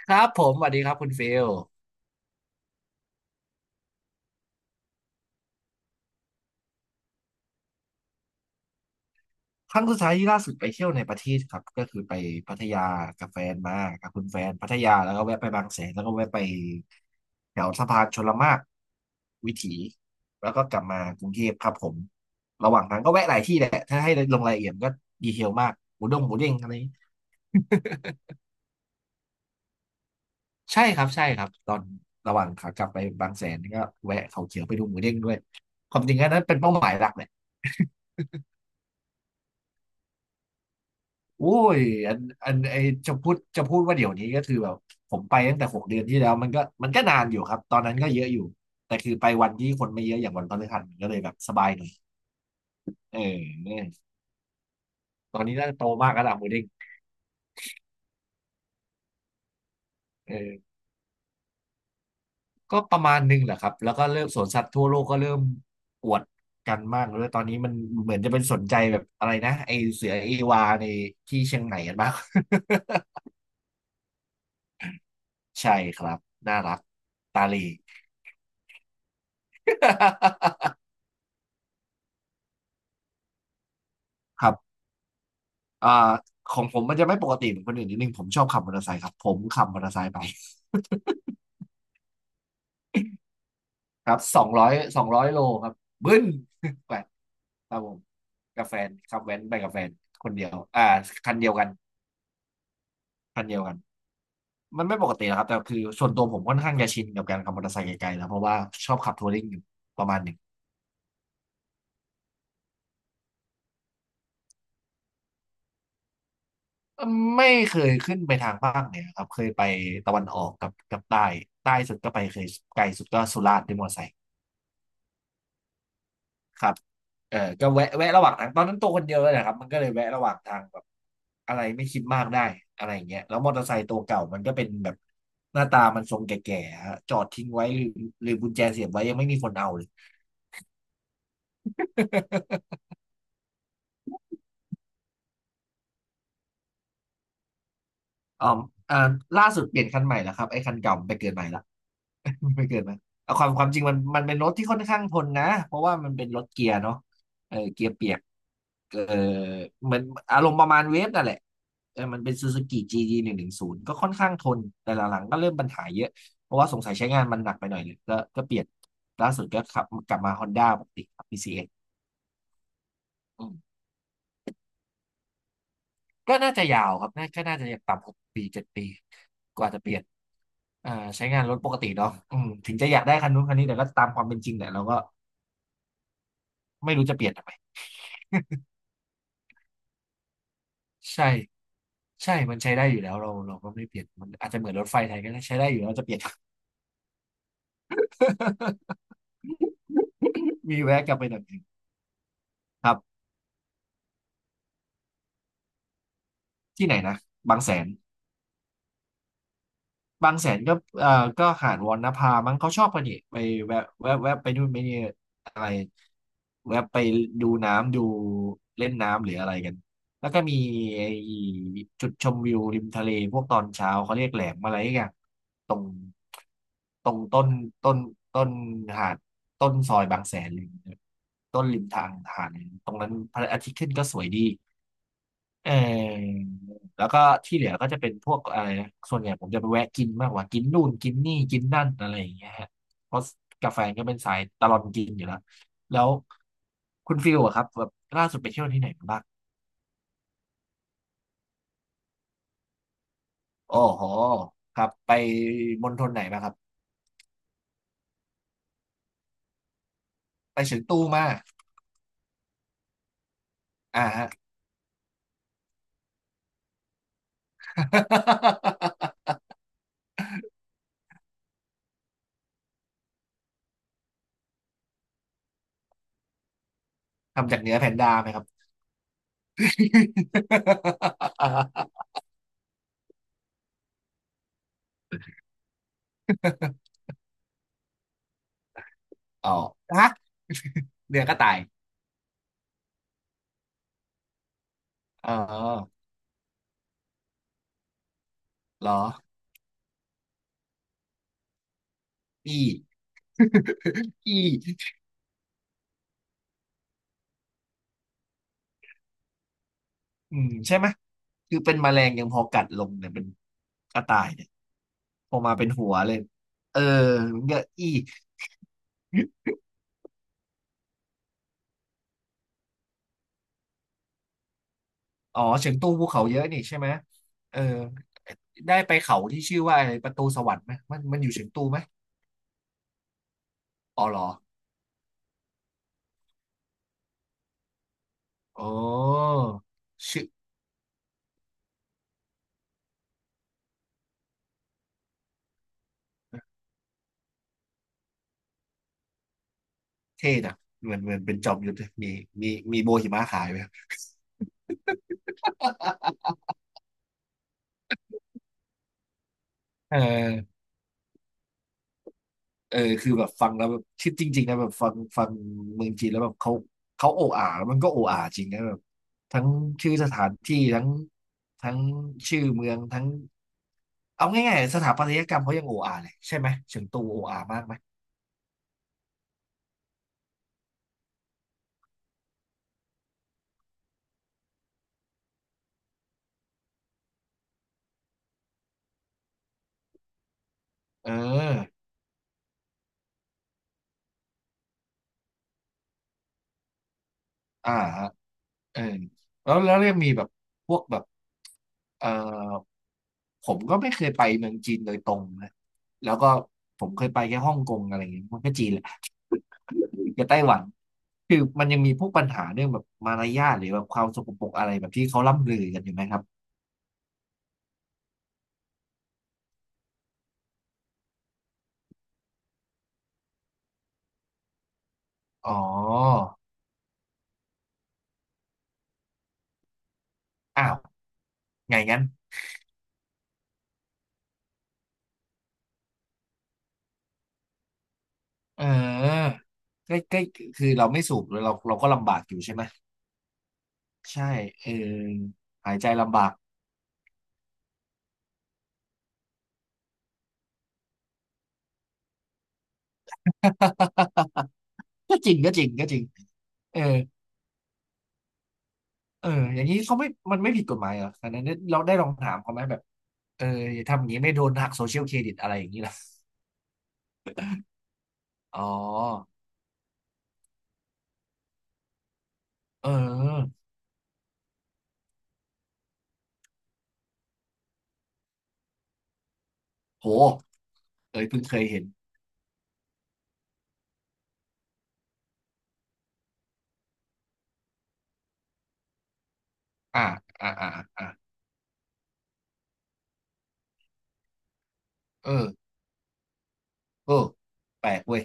ครับผมสวัสดีครับคุณฟิลครั้งสุดท้ายที่ล่าสุดไปเที่ยวในประเทศครับก็คือไปพัทยากับแฟนมากับคุณแฟนพัทยาแล้วก็แวะไปบางแสนแล้วก็แวะไปแถวสะพานชลมากวิถีแล้วก็กลับมากรุงเทพครับผมระหว่างทางก็แวะหลายที่แหละถ้าให้ลงรายละเอียดก็ดีเทลมากหมูเด้งอะไรใช่ครับใช่ครับตอนระหว่างขากลับไปบางแสนก็แวะเขาเขียวไปดูหมูเด้งด้วยความจริงอันนั้นเป็นเป้าหมายหลักเลย โอ้ยอันอันไอจะพูดว่าเดี๋ยวนี้ก็คือแบบผมไปตั้งแต่6 เดือนที่แล้วมันก็นานอยู่ครับตอนนั้นก็เยอะอยู่แต่คือไปวันที่คนไม่เยอะอย่างวันพฤหัสมันก็เลยแบบสบายหน่อยเออตอนนี้น่าจะโตมากแล้วล่ะหมูเด้งเออก็ประมาณหนึงแหละครับแล้วก็เริ่มสวนสัตว์ทั่วโลกก็เริ่มอวดกันมากเลยตอนนี้มันเหมือนจะเป็นสนใจแบบอะไรนะไอเสือเอวาในที่เชียงใหม่กันมาก ใช่ครับน่ารักตาลี ครับ อ่าของผมมันจะไม่ปกติเหมือนคนอื่นนิดนึงผมชอบขับมอเตอร์ไซค์ครับผมขับมอเตอร์ไซค์ไปครับสองร้อยโลครับบึ้น ไปครับผมกับแฟนขับแว้นไปกับแฟนคนเดียวอ่าคันเดียวกันคันเดียวกันมันไม่ปกตินะครับแต่คือส่วนตัวผมค่อนข้างจะชินกับการขับมอเตอร์ไซค์ไกลๆแล้วเพราะว่าชอบขับทัวริงอยู่ประมาณหนึ่งไม่เคยขึ้นไปทางภาคเหนือครับเคยไปตะวันออกกับใต้ใต้สุดก็ไปเคยไกลสุดก็สุราษฎร์ด้วยมอเตอร์ไซค์ครับ เออก็แวะระหว่างทางตอนนั้นตัวคนเยอะนะครับมันก็เลยแวะระหว่างทางแบบอะไรไม่คิดมากได้อะไรอย่างเงี้ยแล้วมอเตอร์ไซค์ตัวเก่ามันก็เป็นแบบหน้าตามันทรงแก่ๆฮะจอดทิ้งไว้หรือกุญแจเสียบไว้ยังไม่มีคนเอาเลย อ๋ออ่าล่าสุดเปลี่ยนคันใหม่แล้วครับไอ้คันเก่ามันไปเกิดใหม่ละ ไม่เกินนะเอาความจริงมันเป็นรถที่ค่อนข้างทนนะเพราะว่ามันเป็นรถเกียร์เนาะเออเกียร์เปียกเออเหมือนอารมณ์ประมาณเวฟนั่นแหละเออมันเป็นซูซูกิ g ีดีหนึ่งหนึ่งศูนย์ก็ค่อนข้างทนแต่หลังๆก็เริ่มปัญหาเยอะเพราะว่าสงสัยใช้งานมันหนักไปหน่อยเลยก็เปลี่ยนล่าสุดก็ขับกลับมาฮอนด้าปกติครับ PCX อกซ์อืมก็น่าจะยาวครับน่าจะอย่างต่ำ6 ปี 7 ปีกว่าจะเปลี่ยนอ่าใช้งานรถปกติเนาะอืมถึงจะอยากได้คันนู้นคันนี้แต่ก็ตามความเป็นจริงแหละเราก็ ไม่รู้จะเปลี่ยนทำไมใช่ใช่มันใช้ได้อยู่แล้วเราก็ไม่เปลี่ยนมันอาจจะเหมือนรถไฟไทยก็ได้ใช้ได้อยู่แล้วจะเปลี่ยน มีแวะกลับไปหน่อยหนึ่งครับที่ไหนนะบางแสน บางแสนก็เอ่อก็หาดวรรณภามั้งเขาชอบกันนี่ไปแวะแวะไปนู่นไปนี่อะไรแวะไปดูน้ำดูเล่นน้ำหรืออะไรกันแล้วก็มีไอ้จุดชมวิวริมทะเลพวกตอนเช้าเขาเรียกแหลมอะไรอย่างตรงตรงต้นต้นหาดต้นซอยบางแสนเลยต้นริมทางหาดเลยตรงนั้นพระอาทิตย์ขึ้นก็สวยดี เออแล้วก็ที่เหลือก็จะเป็นพวกอะไรนะส่วนใหญ่ผมจะไปแวะกินมากกว่ากินนู่นกินนี่กินนั่นอะไรอย่างเงี้ยฮะเพราะกาแฟนก็เป็นสายตลอดกินอยู่แล้วแล้วคุณฟิลอะครับแบบล่าสุดไปเที่ยวที่ไหนมาบ้างโอ้โหครับไปมณฑลไหนมาครับไปเฉิงตูมาอ่าฮะ ทำจากเนื้อแพนด้าไหมครับ อ๋อฮะ เนื้อกระต่ายอ๋อเหรออี ที่อืมใช่ไหม คือเป็นแมลงยังพอกัดลงเนี่ยเป็นกระต่ายเนี่ยพอกมาเป็นหัวเลยเออเยอะอีอ๋อเฉิงตูภูเขาเยอะนี่ใช่ไหมเออได้ไปเขาที่ชื่อว่าอะไรประตูสวรรค์ไหมมันอยู่เฉิงตูไหมอ๋อเหรออ๋อชื่อเท่นะเหมือนเป็นจอมยุทธเลยมีมีโบหิมะขายไหมเออ เออคือแบบฟังแล้วแบบชื่อจริงๆนะแบบฟังเมืองจีนแล้วแบบเขาโอ้อาแล้วมันก็โอ้อาจริงนะแบบทั้งชื่อสถานที่ทั้งชื่อเมืองทั้งเอาง่ายๆสถาปัตยกรรมเขายังโอ้อาเลยใช่ไหมเฉิงตูโอ้อามากไหมเอออ่าฮะเออแล้วยังมีแบบพวกแบบเออผมก็ไม่เคยไปเมืองจีนโดยตรงนะแล้วก็ผมเคยไปแค่ฮ่องกงอะไรอย่างเงี้ยมันก็จีนแหละ กับไต้หวัน คือมันยังมีพวกปัญหาเรื่องแบบมารยาทหรือแบบความสกปรกอะไรแบบที่เขาล่ำลือกันอยู่ไหมครับ อ๋อ อ้าวไงงั้นเออใกล้ใกล้คือเราไม่สูบเราก็ลำบากอยู่ใช่ไหม ใช่เออหายใจลำบาก ก็จริงก็จริงก็จริงเออเอออย่างนี้เขาไม่ มันไม่ผิดกฎหมายเหรออันนั้นเราได้ลองถามเขาไหมแบบ เอออย่าทำอย่างนี้ไม่โดนหักโซเชียลเครดิตอะไรอย่างนี้ล่ะอ๋อเออโหเอ้ยเพิ่งเคยเห็น อ่าอ่าอ่าอ่าเออเออแปลกเว้ย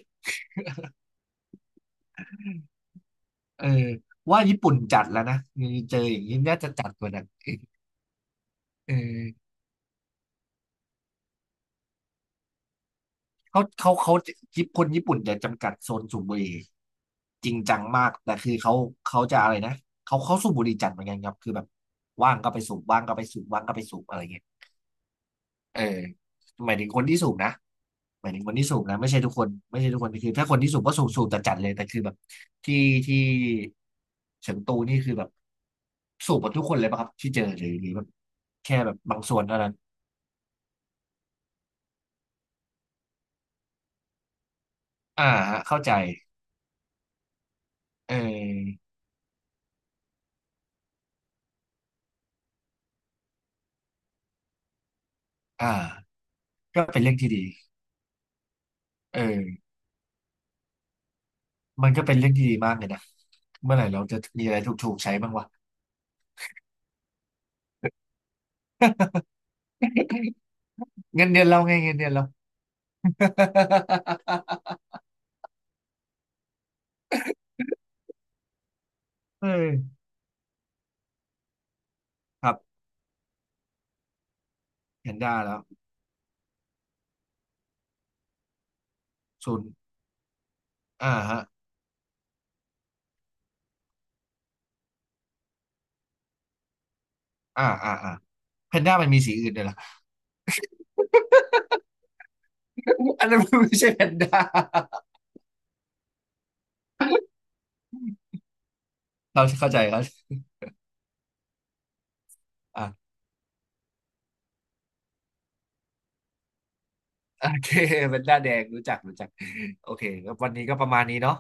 เออว่าญี่ปุ่นจัดแล้วนะเจออย่างนี้น่าจะจัดกว่านั้นอีกเออเขาญี่ปุ่นคนญี่ปุ่นจะจำกัดโซนสูบบุหรี่จริงจังมากแต่คือเขาเขาจะอะไรนะเขาสูบบุหรี่จัดเหมือนกันครับคือแบบว่างก็ไปสูบว่างก็ไปสูบว่างก็ไปสูบอะไรเงี้ย เออหมายถึงคนที่สูบนะหมายถึงคนที่สูบนะไม่ใช่ทุกคนไม่ใช่ทุกคนคือถ้าคนที่สูบก็สูบสูบแต่จัดเลยแต่คือแบบที่ที่เฉิงตูนี่คือแบบสูบหมดทุกคนเลยป่ะครับที่เจอหรือหรือแบบแค่แบบบางส่วนเท่านั้นอ่าฮะเข้าใจเอออ่าก็เป็นเรื่องที่ดีเออมันก็เป็นเรื่องที่ดีมากเลยนะเมื่อไหร่เราจะมีอะไรถูกๆใช้บ้างวะ เงินเดือนเราไงเงินเดือนเรา เออครับเห็นได้แล้วศูนย์อ่าฮะ อ่าอ่าอ่าแพนด้ามันมีสีอื่นด้วยเหรอ อันนั้นมันไม่ใช่แพนด้าเราเข้าใจเขาอ่าโอเคแพนด้าแดงรู้จักรู้จักโอเคก็วันนี้ก็ประมาณนี้เนาะ